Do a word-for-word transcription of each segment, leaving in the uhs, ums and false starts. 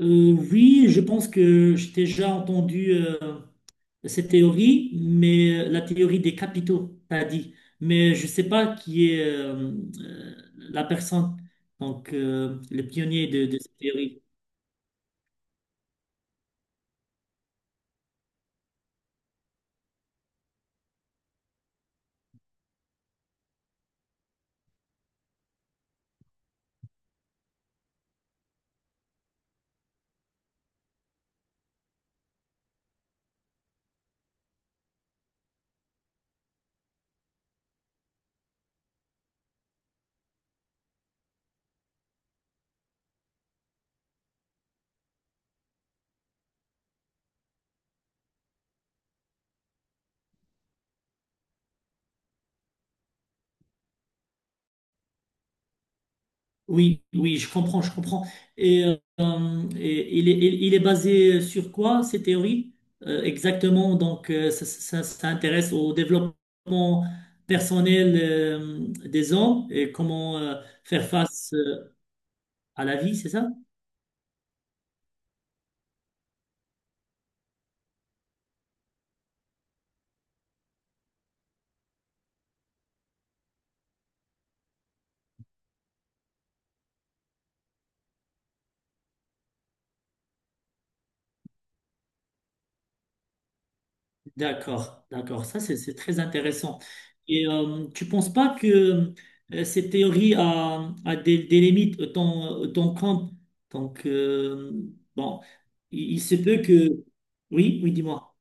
Euh, oui, je pense que j'ai déjà entendu euh, cette théorie, mais euh, la théorie des capitaux, t'as dit. Mais je ne sais pas qui est euh, euh, la personne, donc euh, le pionnier de, de cette théorie. Oui, oui, je comprends, je comprends. Et, euh, et il est, il il est basé sur quoi, cette théorie? Euh, exactement, donc euh, ça, ça- ça intéresse au développement personnel euh, des hommes et comment euh, faire face euh, à la vie, c'est ça? D'accord, d'accord. Ça, c'est c'est très intéressant. Et euh, tu penses pas que euh, cette théorie a, a des, des limites autant, autant qu'en- donc, euh, bon, il, il se peut que... Oui, oui, dis-moi.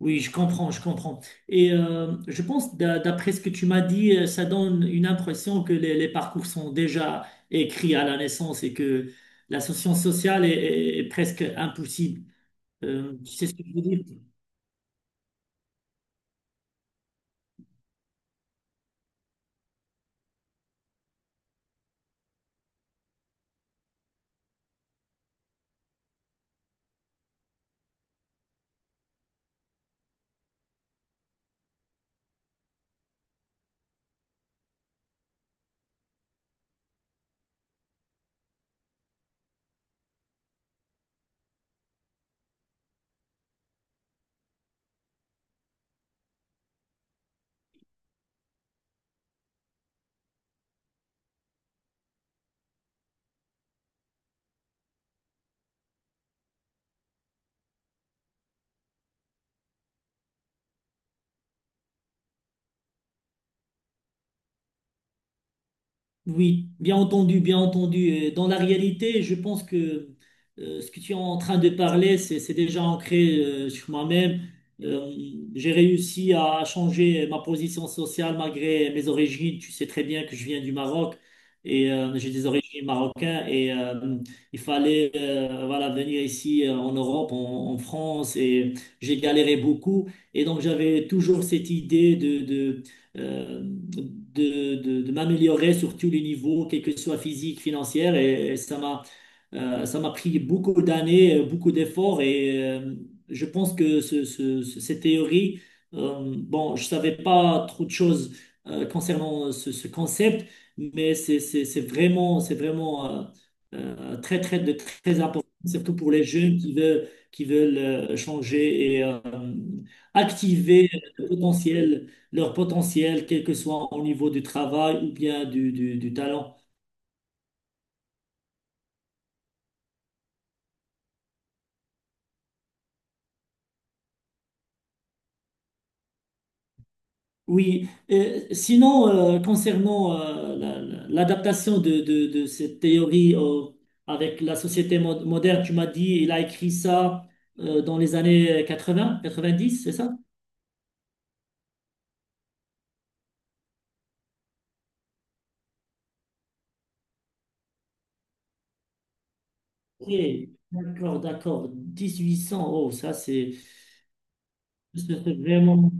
Oui, je comprends, je comprends. Et euh, je pense, d'a- d'après ce que tu m'as dit, euh, ça donne une impression que les, les parcours sont déjà écrits à la naissance et que la science sociale est, est- est presque impossible. Euh, tu sais ce que je veux dire? Oui, bien entendu, bien entendu. Euh, Dans la réalité, je pense que euh, ce que tu es en train de parler, c'est c'est déjà ancré euh, sur moi-même. Euh, j'ai réussi à changer ma position sociale malgré mes origines. Tu sais très bien que je viens du Maroc et euh, j'ai des origines marocaines. Et euh, il fallait euh, voilà, venir ici euh, en Europe, en, en France, et j'ai galéré beaucoup. Et donc j'avais toujours cette idée de, de euh, de, de- de m'améliorer sur tous les niveaux, quel que soit physique, financier. Et, et ça m'a euh, ça m'a pris beaucoup d'années, euh, beaucoup d'efforts. Et euh, je pense que ce, ce- ce- cette théorie, euh, bon, je savais pas trop de choses euh, concernant ce, ce concept, mais c'est c'est- c'est vraiment, c'est vraiment euh, euh, très, très, de très important, surtout pour les jeunes qui veulent, qui veulent euh, changer et euh, activer le potentiel leur potentiel, quel que soit au niveau du travail ou bien du, du- du talent. Oui. Euh, sinon, euh, concernant euh, la- la- l'adaptation de, de- de cette théorie au- avec la société mo- moderne, tu m'as dit, il a écrit ça euh, dans les années quatre-vingts, quatre-vingt-dix, c'est ça? Oui, d'accord, d'accord. dix-huit cents, oh, ça c'est c'est vraiment...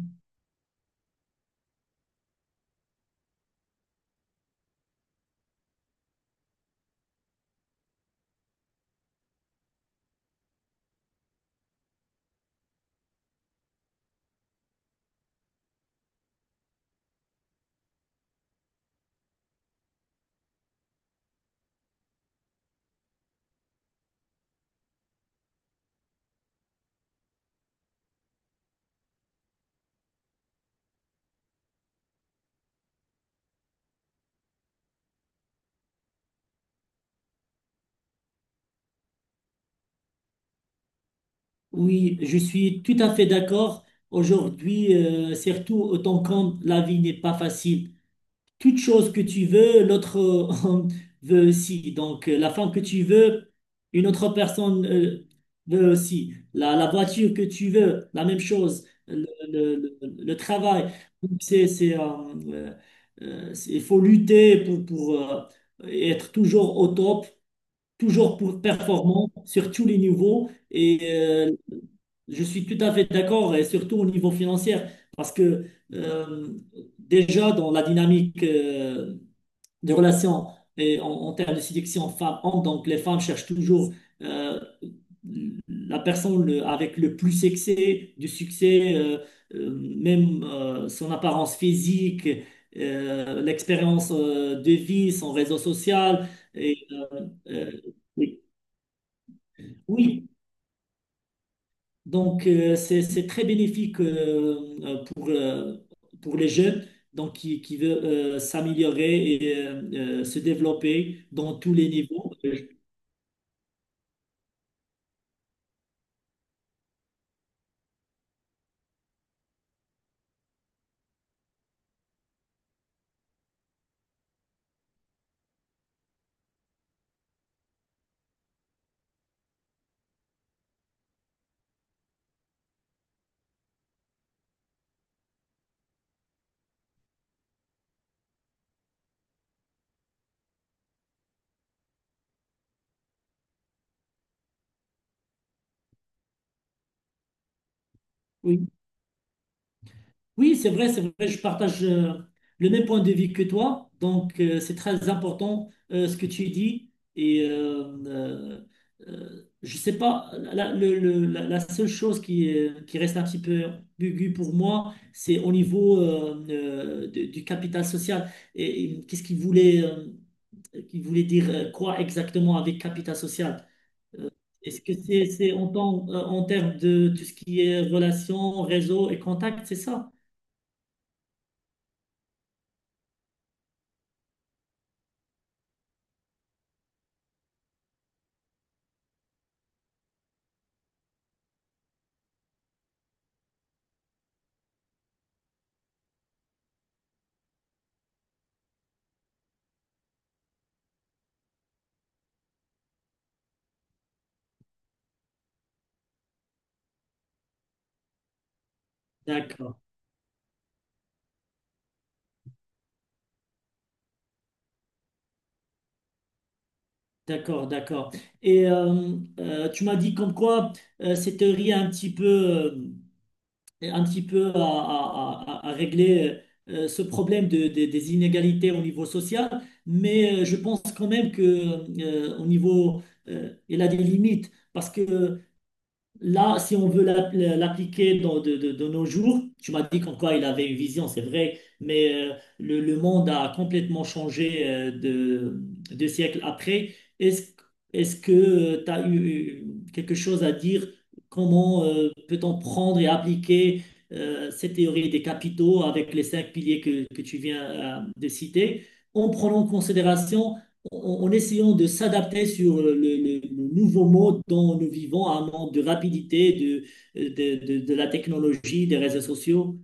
Oui, je suis tout à fait d'accord. Aujourd'hui, euh, surtout autant quand la vie n'est pas facile. Toute chose que tu veux, l'autre euh, veut aussi. Donc, euh, la femme que tu veux, une autre personne euh, veut aussi. La, la voiture que tu veux, la même chose. Le, le- le- le travail. Donc, C'est, c'est, euh, euh, euh, c'est- il faut lutter pour, pour euh, être toujours au top, toujours pour performant sur tous les niveaux. Et euh, je suis tout à fait d'accord, et surtout au niveau financier, parce que euh, déjà dans la dynamique euh, des relations et en, en termes de sélection femmes-hommes. Donc, les femmes cherchent toujours euh, la personne le- avec le plus succès, du succès, euh, euh, même euh, son apparence physique, euh, l'expérience euh, de vie, son réseau social. Et, euh, oui. Oui, donc euh, c'est c'est très bénéfique euh, euh, pour, euh, pour les jeunes donc qui, qui veulent euh, s'améliorer et euh, euh, se développer dans tous les niveaux. Oui, oui, c'est vrai, c'est vrai, je partage euh, le même point de vue que toi. Donc, euh, c'est très important euh, ce que tu dis. Et euh, euh, euh, je sais pas, la, le- le- la- la seule chose qui, euh, qui reste un petit peu ambiguë pour moi, c'est au niveau euh, euh, de- du capital social. Et, et qu'est-ce qu'il voulait, euh, qu'il voulait dire euh, quoi exactement avec capital social? Euh, Est-ce que c'est c'est en, temps- euh, en termes de tout ce qui est relations, réseau et contacts, c'est ça? D'accord, d'accord, d'accord. Et euh, euh, tu m'as dit comme quoi euh, cette théorie a un petit peu, euh, un petit peu à, à- à- à régler euh, ce problème de- de- des inégalités au niveau social, mais euh, je pense quand même que euh, au niveau, euh, il a des limites parce que là, si on veut l'app- l'appliquer dans- de, de- de nos jours, tu m'as dit qu'encore il avait une vision, c'est vrai, mais euh, le, le monde a complètement changé euh, de, deux siècles après. Est-ce, est-ce que tu as eu quelque chose à dire? Comment euh, peut-on prendre et appliquer euh, cette théorie des capitaux avec les cinq piliers que, que tu viens euh, de citer, en prenant en considération en en essayant de s'adapter sur le, le- le nouveau mode dont nous vivons, un monde de rapidité, de, de, de- de la technologie, des réseaux sociaux.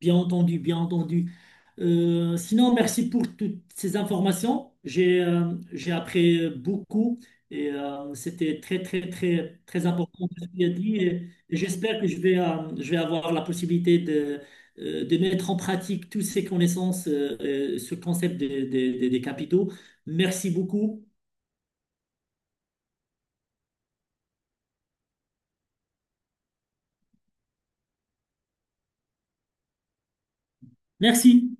Bien entendu, bien entendu. Euh, sinon, merci pour toutes ces informations. J'ai euh, j'ai appris beaucoup et euh, c'était très, très, très, très important ce qu'il a dit. Et j'espère que je vais, euh, je vais avoir la possibilité de, euh, de mettre en pratique toutes ces connaissances, euh, euh, ce concept des des- des- des capitaux. Merci beaucoup. Merci.